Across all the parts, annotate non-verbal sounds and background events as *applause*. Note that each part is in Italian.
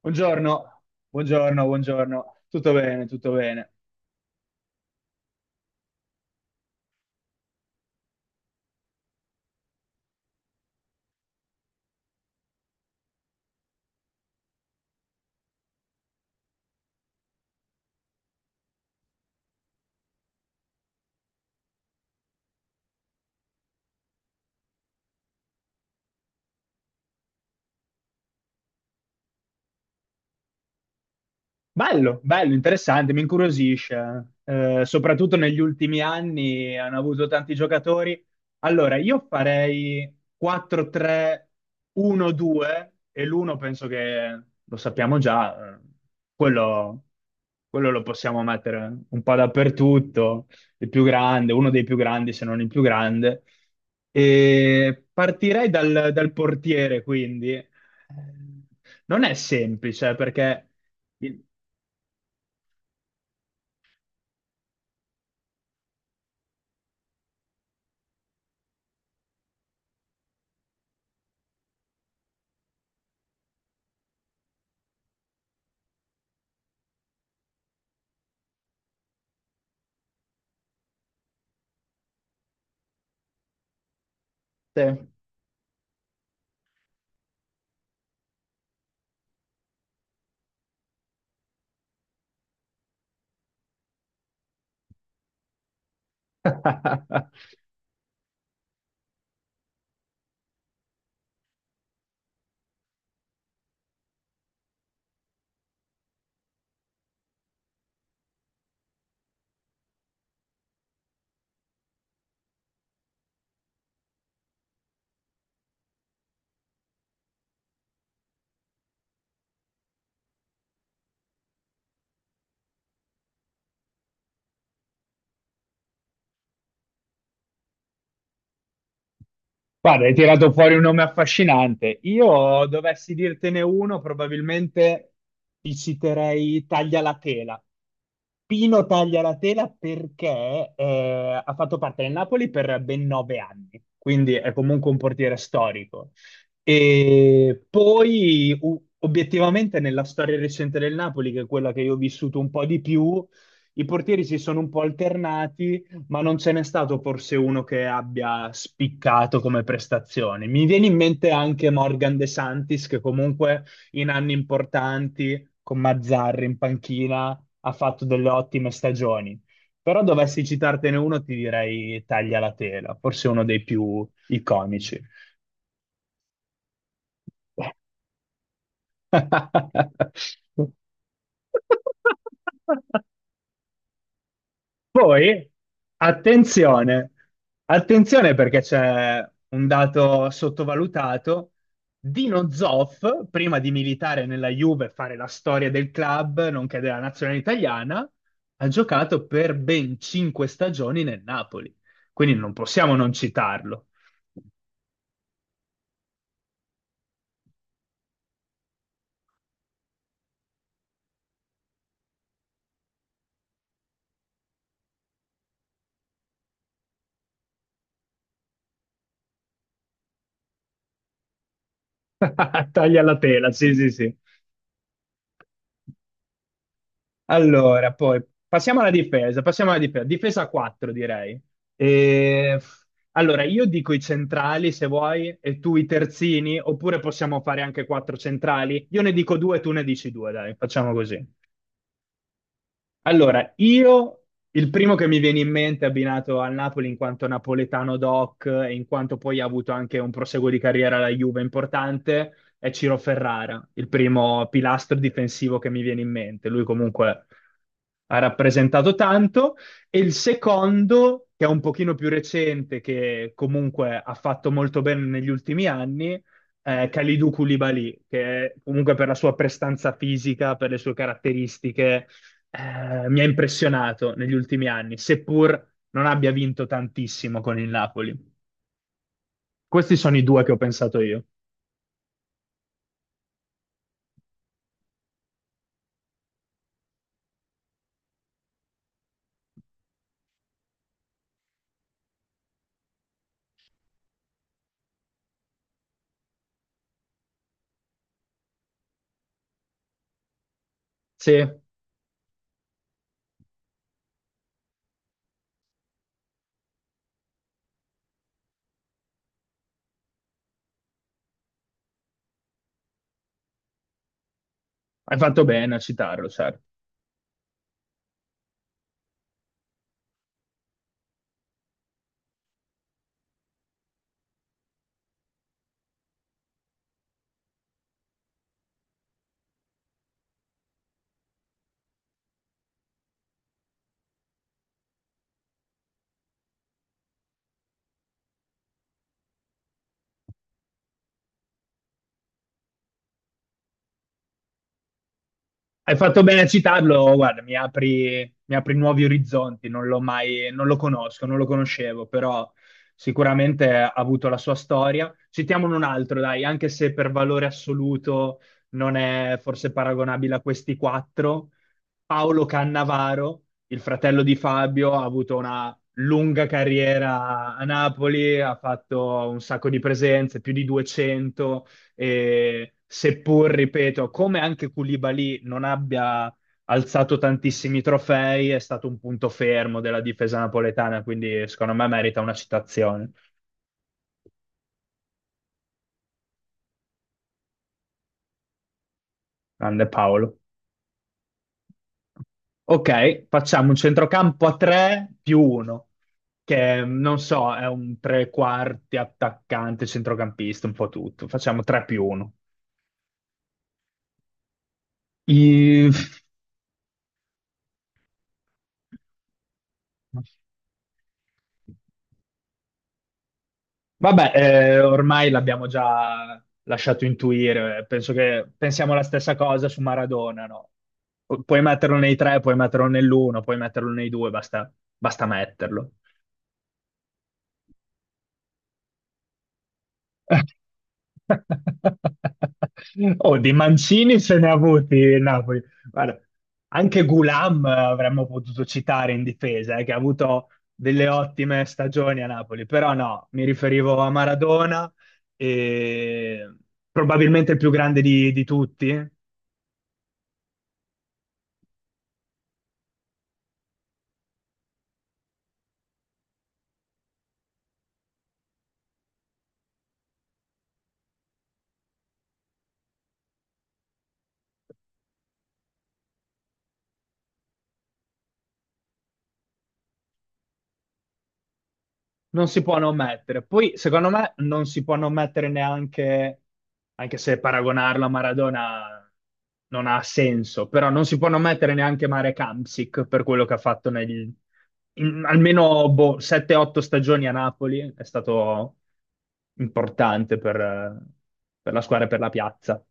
Buongiorno, buongiorno, buongiorno. Tutto bene, tutto bene. Bello, bello, interessante, mi incuriosisce. Soprattutto negli ultimi anni hanno avuto tanti giocatori. Allora, io farei 4-3-1-2 e l'uno penso che lo sappiamo già, quello, quello lo possiamo mettere un po' dappertutto, il più grande, uno dei più grandi, se non il più grande. E partirei dal portiere, quindi. Non è semplice perché... Sì. *laughs* Guarda, hai tirato fuori un nome affascinante. Io dovessi dirtene uno, probabilmente ti citerei Taglia la tela. Pino Taglia la tela perché ha fatto parte del Napoli per ben 9 anni, quindi è comunque un portiere storico. E poi, obiettivamente, nella storia recente del Napoli, che è quella che io ho vissuto un po' di più, i portieri si sono un po' alternati ma non ce n'è stato forse uno che abbia spiccato come prestazioni. Mi viene in mente anche Morgan De Santis, che comunque in anni importanti con Mazzarri in panchina ha fatto delle ottime stagioni. Però dovessi citartene uno, ti direi Taglia la tela, forse uno dei più iconici. *laughs* Poi, attenzione, attenzione perché c'è un dato sottovalutato. Dino Zoff, prima di militare nella Juve e fare la storia del club, nonché della nazionale italiana, ha giocato per ben 5 stagioni nel Napoli. Quindi non possiamo non citarlo. *laughs* Taglia la tela, sì, sì, sì. Allora, poi passiamo alla difesa, difesa 4 direi. E- Allora, io dico i centrali se vuoi e tu i terzini, oppure possiamo fare anche quattro centrali. Io ne dico due, tu ne dici due, dai, facciamo così. Allora, io il primo che mi viene in mente abbinato al Napoli in quanto napoletano doc e in quanto poi ha avuto anche un proseguo di carriera alla Juve importante è Ciro Ferrara, il primo pilastro difensivo che mi viene in mente. Lui comunque ha rappresentato tanto. E il secondo, che è un pochino più recente, che comunque ha fatto molto bene negli ultimi anni, Kalidou Koulibaly, che comunque per la sua prestanza fisica, per le sue caratteristiche mi ha impressionato negli ultimi anni, seppur non abbia vinto tantissimo con il Napoli. Questi sono i due che ho pensato io. Sì, hai fatto bene a citarlo, certo. Hai fatto bene a citarlo, guarda, mi apri nuovi orizzonti, non l'ho mai, non lo conosco, non lo conoscevo, però sicuramente ha avuto la sua storia. Citiamone un altro, dai, anche se per valore assoluto non è forse paragonabile a questi quattro. Paolo Cannavaro, il fratello di Fabio, ha avuto una lunga carriera a Napoli, ha fatto un sacco di presenze, più di 200 e seppur, ripeto, come anche Koulibaly non abbia alzato tantissimi trofei, è stato un punto fermo della difesa napoletana, quindi secondo me merita una citazione. Grande Paolo. Ok, facciamo un centrocampo a 3 più 1, che non so, è un tre quarti attaccante, centrocampista, un po' tutto. Facciamo 3 più 1. Vabbè, ormai l'abbiamo già lasciato intuire, penso che pensiamo la stessa cosa su Maradona, no? Puoi metterlo nei tre, puoi metterlo nell'uno, puoi metterlo nei due, basta, basta metterlo. Oh, di Mancini se ne ha avuti il Napoli. Guarda, anche Gulam avremmo potuto citare in difesa, che ha avuto delle ottime stagioni a Napoli, però no, mi riferivo a Maradona, e probabilmente il più grande di tutti. Non si può non mettere. Poi, secondo me, non si può non mettere neanche, anche se paragonarlo a Maradona non ha senso, però non si può non mettere neanche Marek Hamsik per quello che ha fatto negli, in almeno boh, 7-8 stagioni a Napoli. È stato importante per la squadra e per la piazza.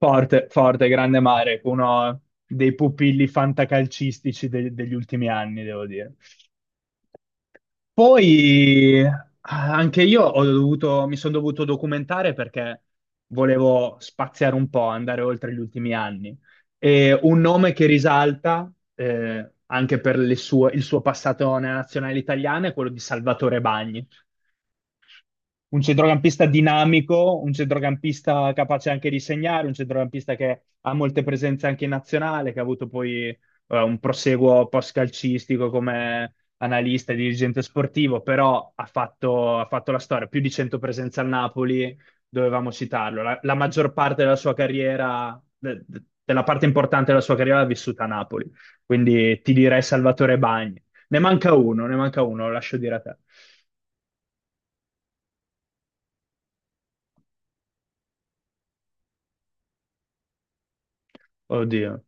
Forte, forte, grande Marek, uno dei pupilli fantacalcistici degli ultimi anni, devo dire. Poi anche io ho dovuto, mi sono dovuto documentare perché volevo spaziare un po', andare oltre gli ultimi anni. E un nome che risalta, anche per il suo passato nella nazionale italiana, è quello di Salvatore Bagni, un centrocampista dinamico, un centrocampista capace anche di segnare, un centrocampista che ha molte presenze anche in nazionale, che ha avuto poi un proseguo post-calcistico come analista e dirigente sportivo, però ha fatto la storia, più di 100 presenze al Napoli, dovevamo citarlo. La maggior parte della sua carriera, della parte importante della sua carriera l'ha vissuta a Napoli, quindi ti direi Salvatore Bagni. Ne manca uno, lo lascio dire a te. Oddio.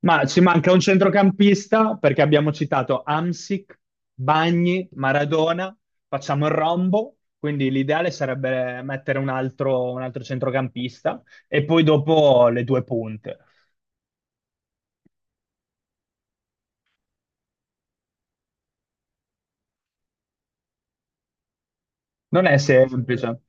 Ma ci manca un centrocampista perché abbiamo citato Amsic, Bagni, Maradona, facciamo il rombo, quindi l'ideale sarebbe mettere un altro centrocampista e poi dopo le due punte. Non è semplice.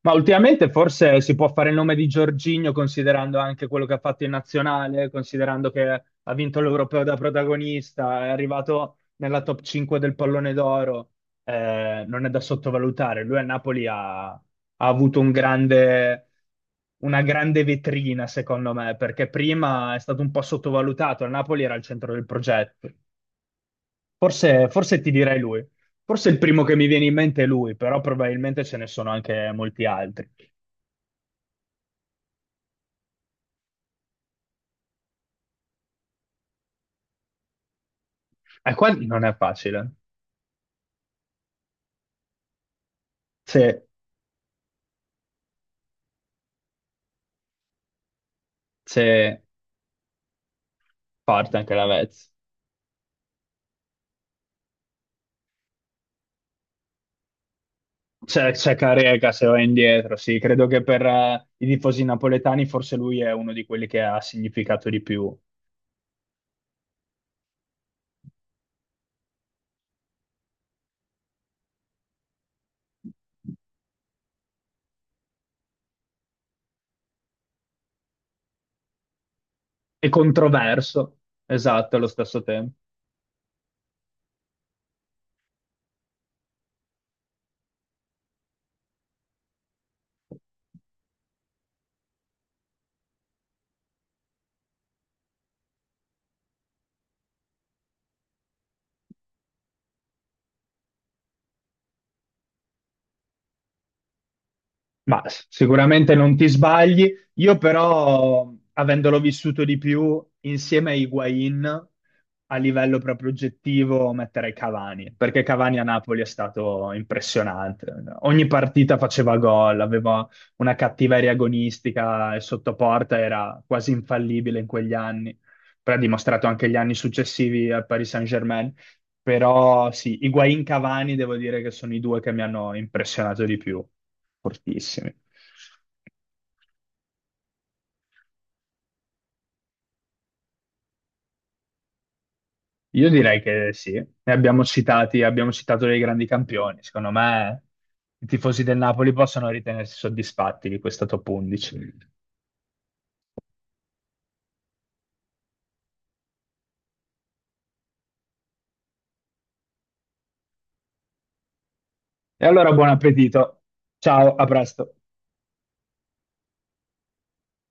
Ma ultimamente forse si può fare il nome di Giorginio considerando anche quello che ha fatto in nazionale, considerando che ha vinto l'Europeo da protagonista, è arrivato nella top 5 del pallone d'oro, non è da sottovalutare. Lui a Napoli ha avuto un grande, una grande vetrina, secondo me, perché prima è stato un po' sottovalutato, a Napoli era al centro del progetto. Forse, forse ti direi lui. Forse il primo che mi viene in mente è lui, però probabilmente ce ne sono anche molti altri. E qua non è facile. Se, se parte anche la Vez. C'è Carega se va indietro, sì. Credo che per i tifosi napoletani forse lui è uno di quelli che ha significato di più. E controverso, esatto, allo stesso tempo. Ma sicuramente non ti sbagli. Io però, avendolo vissuto di più, insieme a Higuain, a livello proprio oggettivo, metterei Cavani, perché Cavani a Napoli è stato impressionante. Ogni partita faceva gol, aveva una cattiveria agonistica e sotto porta era quasi infallibile in quegli anni. Poi ha dimostrato anche gli anni successivi al Paris Saint-Germain. Però sì, Higuain Cavani devo dire che sono i due che mi hanno impressionato di più, fortissimi. Io direi che sì, ne abbiamo citati, abbiamo citato dei grandi campioni. Secondo me i tifosi del Napoli possono ritenersi soddisfatti di questa top 11. E allora buon appetito. Ciao, a presto.